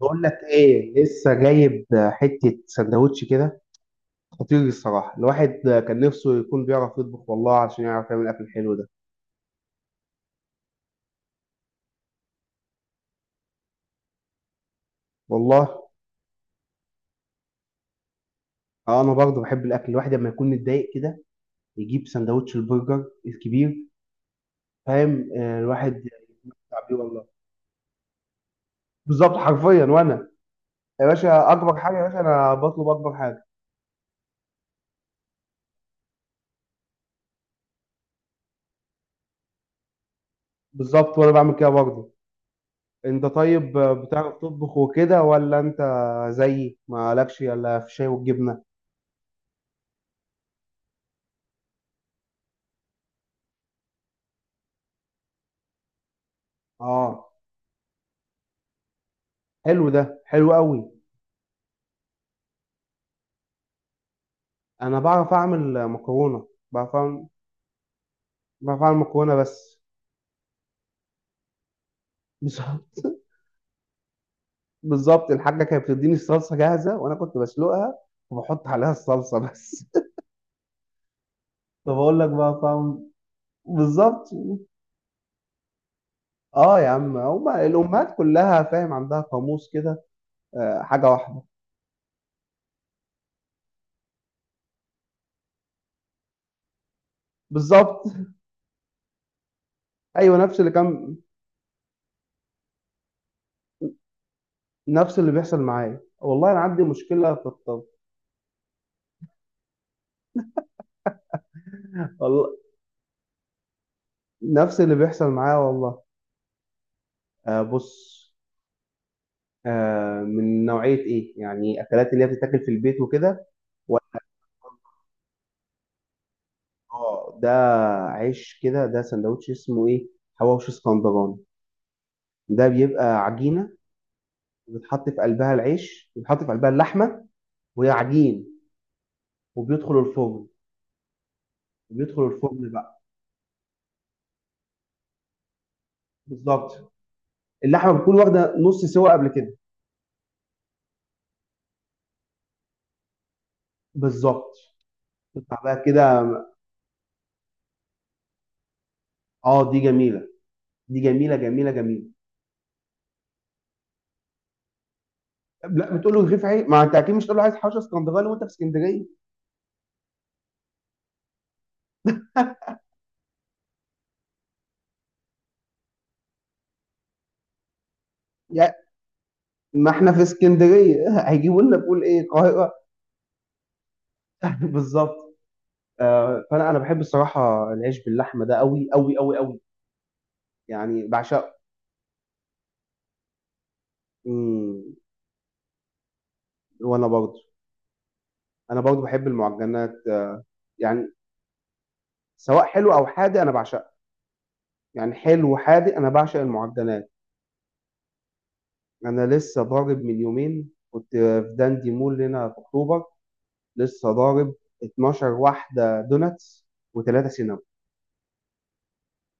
بقول لك ايه، لسه جايب حته سندوتش كده. خطير الصراحه. الواحد كان نفسه يكون بيعرف يطبخ والله، عشان يعرف يعمل الاكل الحلو ده. والله آه، انا برضه بحب الاكل. الواحد لما يكون متضايق كده يجيب سندوتش البرجر الكبير، فاهم؟ آه الواحد بتاع بيه والله، بالظبط حرفيا. وانا يا باشا اكبر حاجه يا باشا انا بطلب اكبر حاجه. بالظبط، وانا بعمل كده برضه. انت طيب آه، بتعرف تطبخ وكده ولا انت زيي، مالكش الا في الشاي والجبنه؟ اه، حلو ده، حلو قوي. انا بعرف اعمل مكرونه بعرف اعمل بعرف اعمل مكرونه بس. بالظبط، بالظبط. الحاجه كانت بتديني الصلصه جاهزه وانا كنت بسلقها وبحط عليها الصلصه بس. طب اقول لك بقى، فاهم؟ بالظبط. اه يا عم، هما الامهات كلها فاهم عندها قاموس كده. آه حاجه واحده، بالظبط. ايوه نفس اللي كان. نفس اللي بيحصل معايا والله، انا عندي مشكله في الطبخ والله. نفس اللي بيحصل معايا والله. آه بص، آه من نوعية إيه؟ يعني أكلات اللي هي بتتاكل في البيت وكده. ولا آه، ده عيش كده، ده سندوتش اسمه إيه؟ حواوشي اسكندراني. ده بيبقى عجينة بتحط في قلبها العيش، بيتحط في قلبها اللحمة وهي عجين، وبيدخل الفرن. بيدخل الفرن بقى، بالظبط. اللحمة بتكون واخدة نص سوا قبل كده، بالظبط. تطلع بقى كده. اه دي جميلة، دي جميلة جميلة جميلة. طب لا، بتقول له رغيف عيش. ما انت اكيد مش تقول له عايز حوشه اسكندراني وانت في اسكندريه يعني. ما احنا في اسكندريه. هيجيبوا لنا بقول ايه، القاهره؟ بالظبط. آه، فانا بحب الصراحه العيش باللحمه ده، قوي قوي قوي قوي. يعني بعشقه. مم. وانا برضه، انا برضه بحب المعجنات آه، يعني سواء حلو او حادق انا بعشقها. يعني حلو وحادق انا بعشق المعجنات. انا لسه ضارب، من يومين كنت في داندي مول هنا في اكتوبر. لسه ضارب 12 واحده دوناتس و3 سينابون،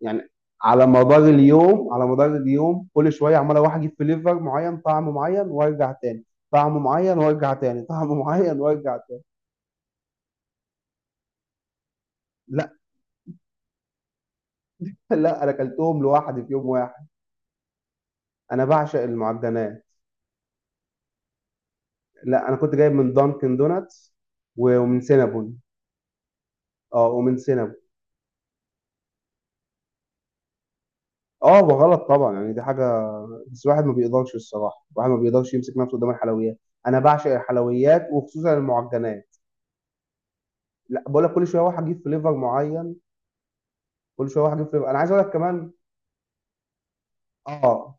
يعني. على مدار اليوم، على مدار اليوم كل شويه عمال اروح اجيب فليفر معين، طعم معين وارجع تاني، طعم معين وارجع تاني. طعم معين وارجع تاني. لا لا، انا اكلتهم لوحدي في يوم واحد. انا بعشق المعجنات. لا انا كنت جايب من دانكن دوناتس و- ومن سينابون. اه ومن سينابون. اه وغلط طبعا، يعني دي حاجه. بس الواحد ما بيقدرش الصراحه، الواحد ما بيقدرش يمسك نفسه قدام الحلويات. انا بعشق الحلويات، وخصوصا المعجنات. لا بقول لك، كل شويه اروح اجيب فليفر معين، كل شويه اروح اجيب فليفر. انا عايز اقول لك كمان، اه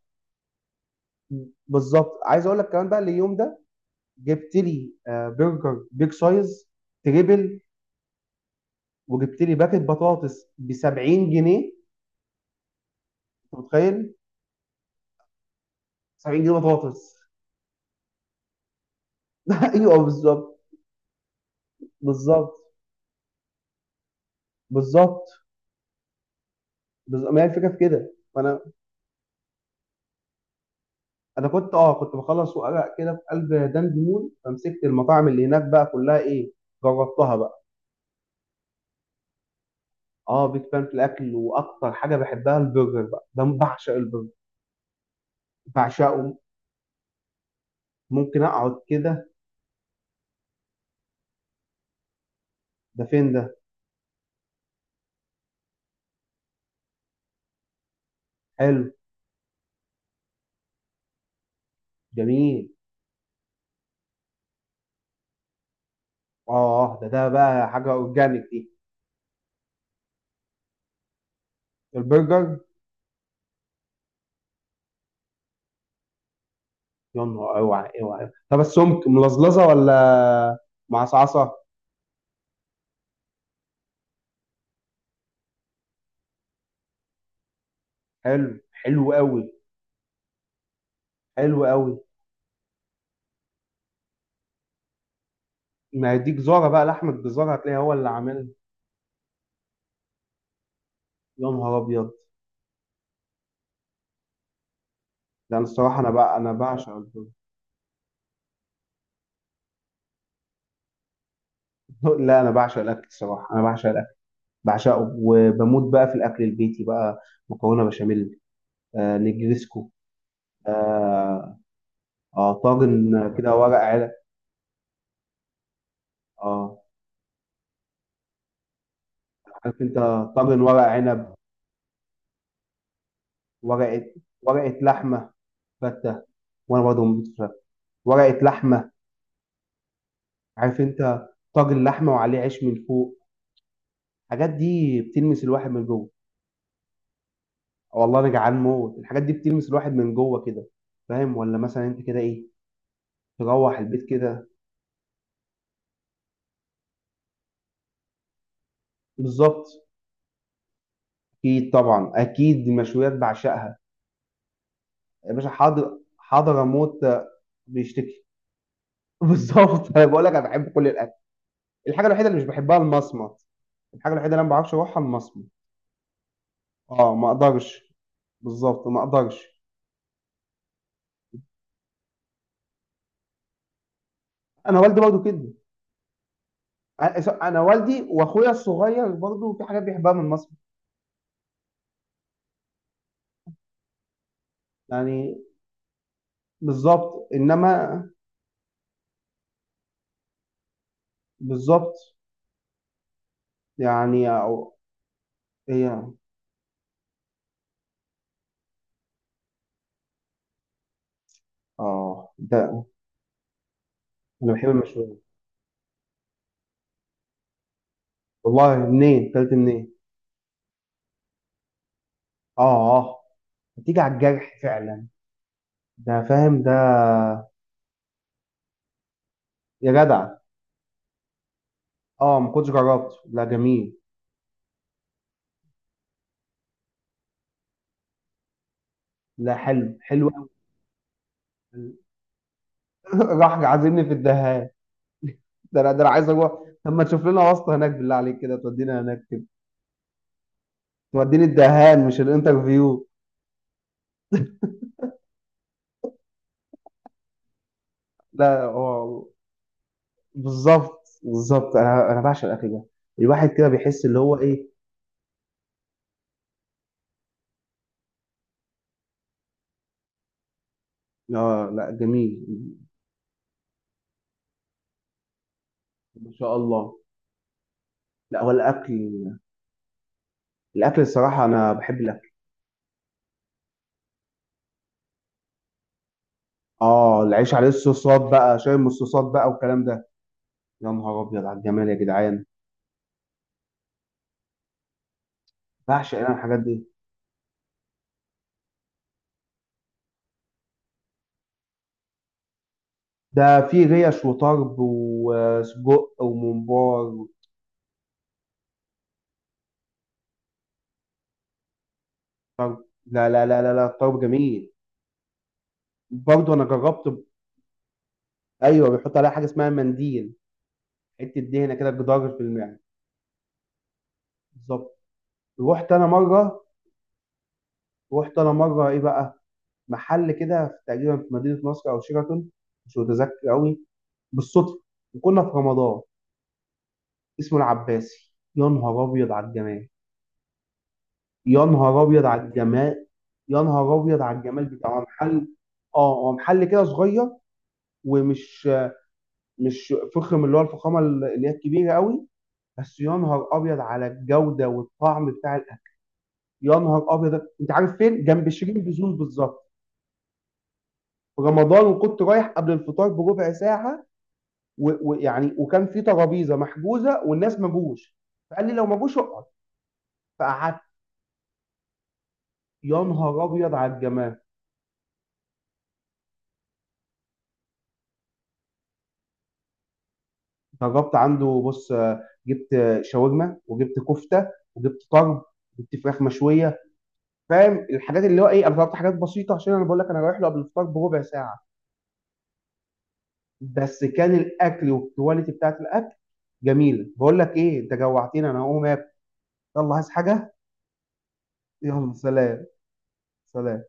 بالظبط، عايز اقول لك كمان بقى. اليوم ده جبت لي آه، برجر بيج سايز تريبل، وجبت لي باكت بطاطس ب 70 جنيه. انت متخيل؟ 70 جنيه بطاطس. ايوه بالظبط، بالظبط بالظبط. بالظبط ما هي الفكره في كده. فانا كنت اه، كنت بخلص وارق كده في قلب دان ديمون، فمسكت المطاعم اللي هناك بقى كلها، ايه، جربتها بقى. اه بيج فان في الاكل، واكتر حاجه بحبها البرجر بقى، ده بعشق البرجر، بعشقه. ممكن اقعد كده. ده فين ده؟ حلو، جميل. اه ده، ده بقى حاجه اورجانيك دي. البرجر، يا نهار، اوعى اوعى. طب السمك ملزلزه ولا معصعصه؟ حلو، حلو قوي، حلو قوي. ما هي دي جزاره بقى، لحمه جزاره هتلاقيها، هو اللي عاملها. يا نهار ابيض. لا انا الصراحه، انا بقى انا بعشق البرجر. لا انا بعشق الاكل الصراحه، انا بعشق الاكل، بعشقه، وبموت بقى في الاكل البيتي بقى. مكرونه بشاميل، آه نجريسكو، اه، آه طاجن كده ورق عنب. اه عارف انت، طاجن ورق عنب، ورقه، ورقه لحمه. فته، وانا برضه بموت في الفته. ورقه لحمه. عارف انت، طاجن لحمه وعليه عيش من فوق. الحاجات دي بتلمس الواحد من جوه. والله انا جعان موت، الحاجات دي بتلمس الواحد من جوه كده، فاهم؟ ولا مثلا انت كده ايه؟ تروح البيت كده، بالظبط. اكيد طبعا، اكيد المشويات بعشقها. يا باشا حاضر حاضر، اموت آه، بيشتكي. بالظبط. انا بقول لك انا بحب كل الاكل. الحاجه الوحيده اللي مش بحبها المصمت، الحاجه الوحيده اللي انا ما بعرفش اروحها المصمت. اه ما اقدرش، بالظبط ما اقدرش. انا والدي برضه كده. انا والدي واخويا الصغير برضه، في حاجات بيحبها من مصر، يعني. بالظبط انما بالظبط، يعني أو هي. اه ده، انا بحب المشويات والله. منين كلت، منين؟ اه اه، بتيجي على الجرح فعلا. ده فاهم ده؟ يا جدع، اه ما كنتش جربت. لا جميل، لا حلو، حلو قوي. راح عازمني في الدهان. ده انا عايز اروح. طب ما تشوف لنا واسطه هناك بالله عليك، كده تودينا هناك كده. توديني الدهان مش الانترفيو. لا هو، بالظبط بالظبط. انا بعشق الاكل ده. الواحد كده بيحس، اللي هو ايه. اه لا جميل. ما شاء الله. لا هو الاكل، الاكل الصراحه، انا بحب الاكل. اه العيش عليه الصوصات بقى، شاي من الصوصات بقى، والكلام ده. يا نهار ابيض على الجمال يا جدعان. بعشق انا الحاجات دي. ده في ريش وطرب وسجق وممبار. لا لا لا لا لا، الطرب جميل. برضه انا جربت ايوه بيحط عليها حاجه اسمها منديل، حته دهنه كده، جدار في المعده، بالظبط. رحت انا مره، رحت انا مره ايه بقى، محل كده تقريبا في مدينه نصر او شيراتون، مش متذكر قوي، بالصدفه، وكنا في رمضان، اسمه العباسي. يا نهار ابيض على الجمال، يا نهار ابيض على الجمال، يا نهار ابيض على الجمال. بتاعه محل، اه هو محل كده صغير، ومش، مش فخم، اللي هو الفخامه اللي هي الكبيره قوي، بس يا نهار ابيض على الجوده والطعم بتاع الاكل. يا نهار ابيض. انت عارف فين؟ جنب شيرين بزون بالظبط. في رمضان، وكنت رايح قبل الفطار ب1/4 ساعه، و- ويعني، وكان في ترابيزه محجوزه والناس ما جوش، فقال لي لو ما جوش اقعد، فقعدت. يا نهار ابيض على الجمال. جربت عنده، بص آه، جبت آه، شاورما، وجبت كفته، وجبت طرب، جبت فراخ مشويه، فاهم الحاجات، اللي هو ايه، انا طلبت حاجات بسيطه عشان، انا بقول لك انا رايح له قبل الفطار بربع ساعه. بس كان الاكل والكواليتي بتاعت الاكل جميله. بقول لك ايه، انت جوعتني، انا هقوم اكل. يلا عايز حاجه؟ يلا سلام. سلام.